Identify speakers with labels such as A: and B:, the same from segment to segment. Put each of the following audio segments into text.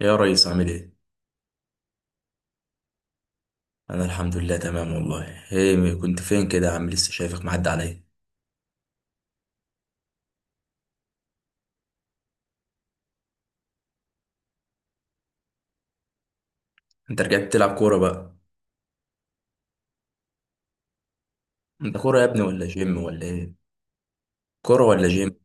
A: يا ريس، عامل ايه؟ انا الحمد لله تمام والله. ايه كنت فين كده يا عم؟ لسه شايفك معدي عليا. انت رجعت تلعب كورة بقى؟ انت كورة يا ابني ولا جيم ولا ايه؟ كورة ولا جيم؟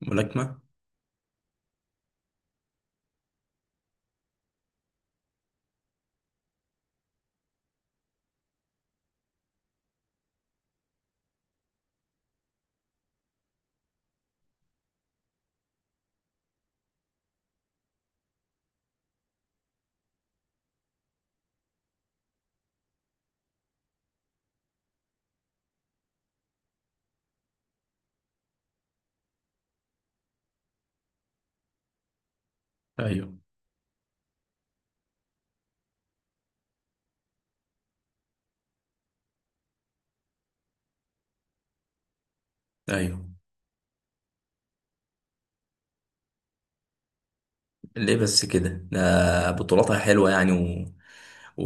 A: ملاكمة؟ ايوه، ايوه. ليه بس كده؟ ده بطولاتها حلوة يعني،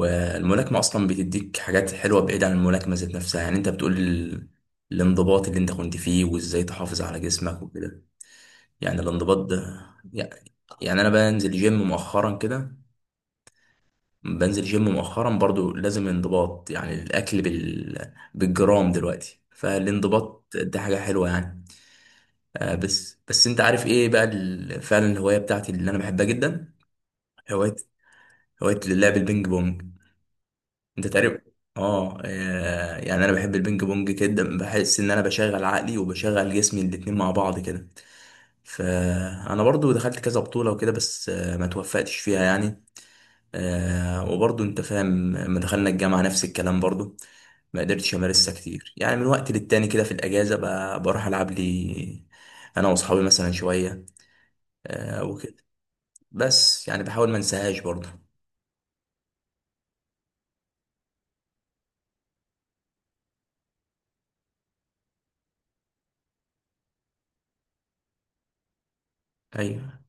A: والملاكمة اصلا بتديك حاجات حلوة بعيد عن الملاكمة ذات نفسها. يعني انت بتقول الانضباط اللي انت كنت فيه، وازاي تحافظ على جسمك وكده. يعني الانضباط ده. يعني انا بنزل جيم مؤخرا كده. بنزل جيم مؤخرا برضو، لازم انضباط، يعني الاكل بالجرام دلوقتي، فالانضباط ده حاجه حلوه يعني. آه، بس انت عارف ايه بقى فعلا، الهوايه بتاعتي اللي انا بحبها جدا. هوايه هوايه لعب البينج بونج. انت تقريبا... اه، يعني انا بحب البينج بونج جدا، بحس ان انا بشغل عقلي وبشغل جسمي الاتنين مع بعض كده. فانا برضو دخلت كذا بطوله وكده، بس ما توفقتش فيها يعني. وبرضه انت فاهم، لما دخلنا الجامعة نفس الكلام برضه. ما قدرتش امارسها كتير، يعني من وقت للتاني كده، في الاجازة بروح العب لي انا واصحابي مثلا شوية. وكده، بس يعني بحاول ما انساهاش برضه. ايوه،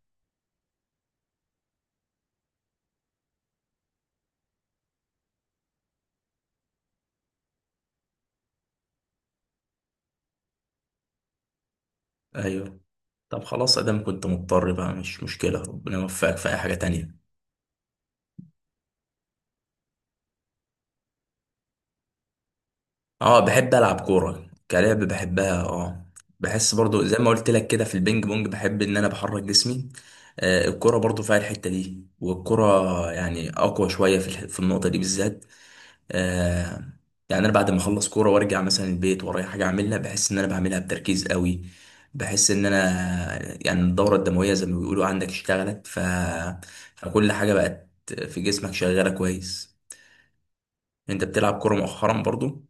A: ايوه. طب خلاص، ادام كنت مضطر بقى مش مشكلة، ربنا يوفقك في اي حاجة تانية. اه، بحب العب كوره، كلعب بحبها، اه. بحس برضو زي ما قلت لك كده في البينج بونج، بحب ان انا بحرك جسمي. الكوره برضو فيها الحته دي، والكوره يعني اقوى شويه في النقطه دي بالذات. آه. يعني انا بعد ما اخلص كوره وارجع مثلا البيت ورايا حاجه اعملها، بحس ان انا بعملها بتركيز قوي. بحس ان انا... يعني الدوره الدمويه زي ما بيقولوا عندك اشتغلت، فكل حاجه بقت في جسمك شغاله كويس. انت بتلعب كوره مؤخرا برضو؟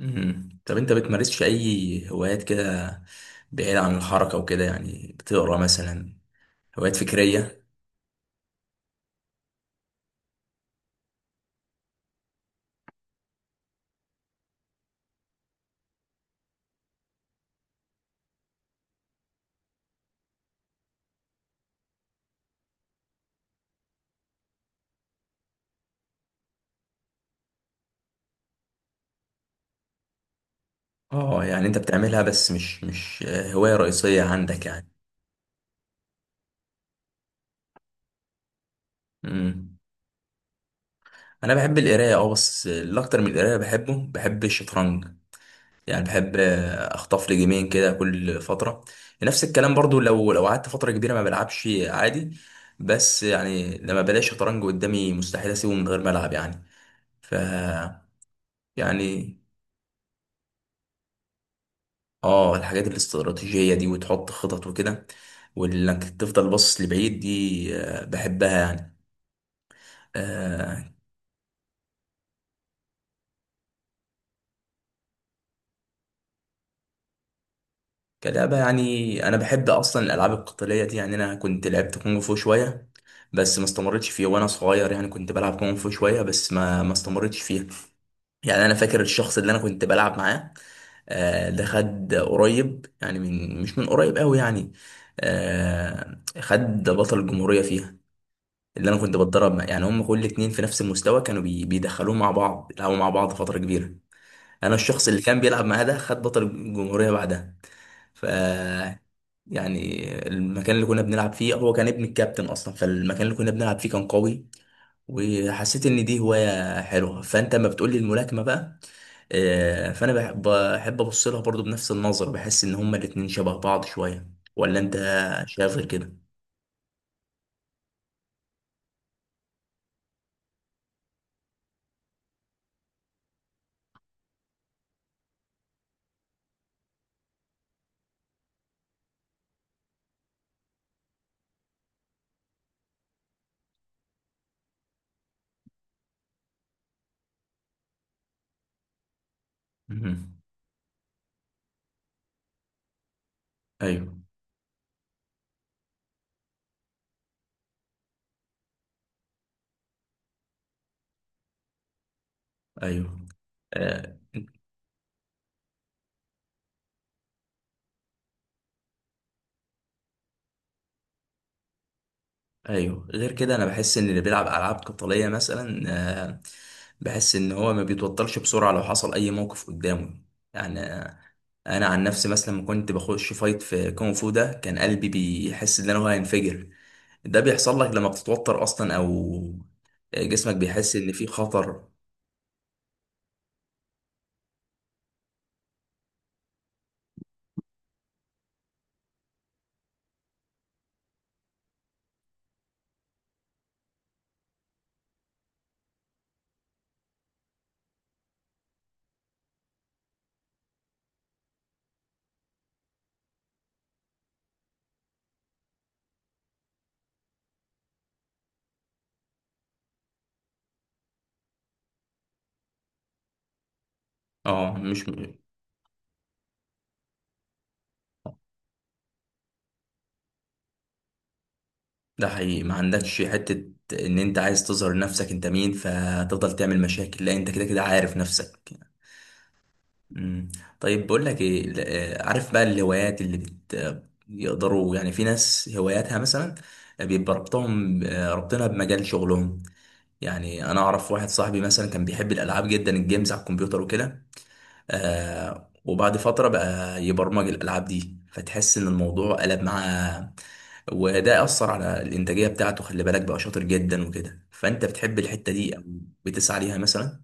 A: طب انت بتمارسش اي هوايات كده بعيد عن الحركة وكده، يعني بتقرا مثلا؟ هوايات فكرية؟ اه، يعني انت بتعملها بس مش هواية رئيسية عندك يعني. امم انا بحب القراية، اه، بس الاكتر من القراية بحبه، بحب الشطرنج. يعني بحب اخطف لي جيمين كده كل فترة. نفس الكلام برضو، لو قعدت فترة كبيرة ما بلعبش عادي. بس يعني لما بلاقي شطرنج قدامي، مستحيل اسيبه من غير ما العب يعني. ف يعني، اه، الحاجات الاستراتيجية دي وتحط خطط وكده، وانك تفضل باصص لبعيد دي، بحبها يعني. آه كلعبة، يعني انا بحب اصلا الالعاب القتالية دي، يعني انا كنت لعبت كونغ فو شوية، بس ما استمرتش فيها وانا صغير، يعني كنت بلعب كونغ فو شوية، بس ما استمرتش فيها. يعني انا فاكر الشخص اللي انا كنت بلعب معاه. ده خد قريب، يعني من، مش من قريب قوي يعني. خد بطل الجمهورية فيها. اللي انا كنت بتدرب مع، يعني هم كل اتنين في نفس المستوى كانوا بيدخلوه مع بعض يلعبوا مع بعض فترة كبيرة. انا الشخص اللي كان بيلعب معاه ده، خد بطل الجمهورية بعدها. ف يعني المكان اللي كنا بنلعب فيه هو كان ابن الكابتن اصلا، فالمكان اللي كنا بنلعب فيه كان قوي. وحسيت ان دي هواية حلوة، فانت لما بتقولي الملاكمة بقى، فانا بحب ابص لها برضو بنفس النظر، بحس ان هما الاتنين شبه بعض شوية. ولا انت شايف غير كده؟ مهم. ايوه، ايوه. آه، ايوه، غير كده انا بحس ان اللي بيلعب العاب قتاليه مثلا، آه، بحس ان هو ما بيتوترش بسرعه لو حصل اي موقف قدامه. يعني، انا عن نفسي مثلا لما كنت بخش فايت في كونغ فو، ده كان قلبي بيحس ان انا هو هينفجر. ده بيحصل لك لما بتتوتر اصلا، او جسمك بيحس ان في خطر. اه، مش. ده حقيقي، ما عندكش حته ان انت عايز تظهر نفسك انت مين، فتفضل تعمل مشاكل. لا انت كده كده عارف نفسك. مم. طيب، بقول لك ايه عارف بقى الهوايات اللي بت آه، يقدروا، يعني في ناس هواياتها مثلا بيبقى ربطهم، ربطنا بمجال شغلهم. يعني انا اعرف واحد صاحبي مثلا كان بيحب الالعاب جدا، الجيمز على الكمبيوتر وكده. وبعد فترة بقى يبرمج الالعاب دي، فتحس ان الموضوع قلب معاه. وده اثر على الانتاجية بتاعته، خلي بالك بقى شاطر جدا وكده. فانت بتحب الحتة دي او بتسعى ليها مثلا؟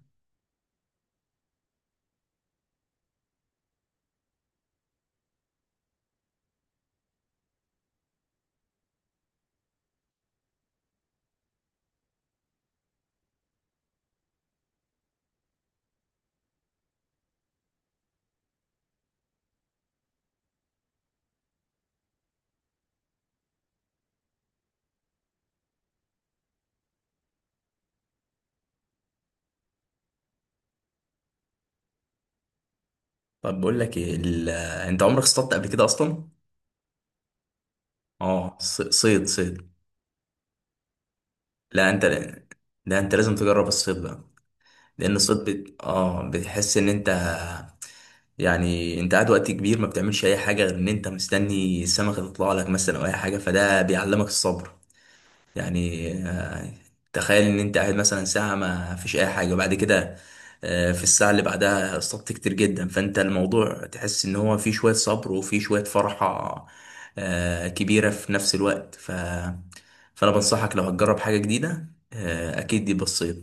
A: طب، بقول لك إيه انت عمرك اصطدت قبل كده اصلا؟ اه، صيد، صيد؟ لا انت لا انت لازم تجرب الصيد بقى. لان الصيد بت... اه بتحس ان انت... يعني انت قاعد وقت كبير، ما بتعملش اي حاجه غير ان انت مستني السمكه تطلع لك مثلا او اي حاجه، فده بيعلمك الصبر. يعني، تخيل ان انت قاعد مثلا ساعة ما فيش اي حاجة، وبعد كده في الساعة اللي بعدها اصطدت كتير جدا، فانت الموضوع تحس ان هو فيه شوية صبر وفيه شوية فرحة كبيرة في نفس الوقت. فانا بنصحك لو هتجرب حاجة جديدة، اكيد دي بسيط.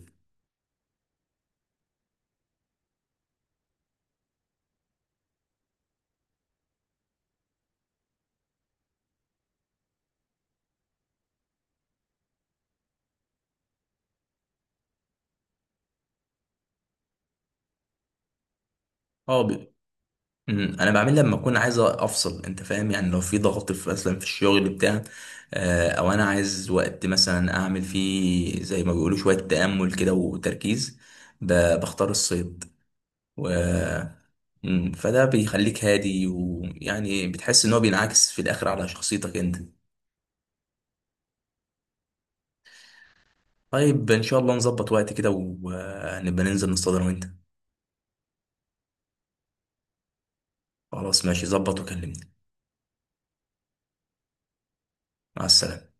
A: انا بعمل لما اكون عايز افصل، انت فاهم؟ يعني لو في ضغط في مثلا في الشغل بتاع، او انا عايز وقت مثلا اعمل فيه زي ما بيقولوا شويه تامل كده وتركيز، بختار الصيد. و فده بيخليك هادي، ويعني بتحس ان هو بينعكس في الاخر على شخصيتك انت. طيب، ان شاء الله نظبط وقت كده، ونبقى ننزل نصطاد انا وانت. خلاص ماشي، ظبط وكلمني. مع السلامه.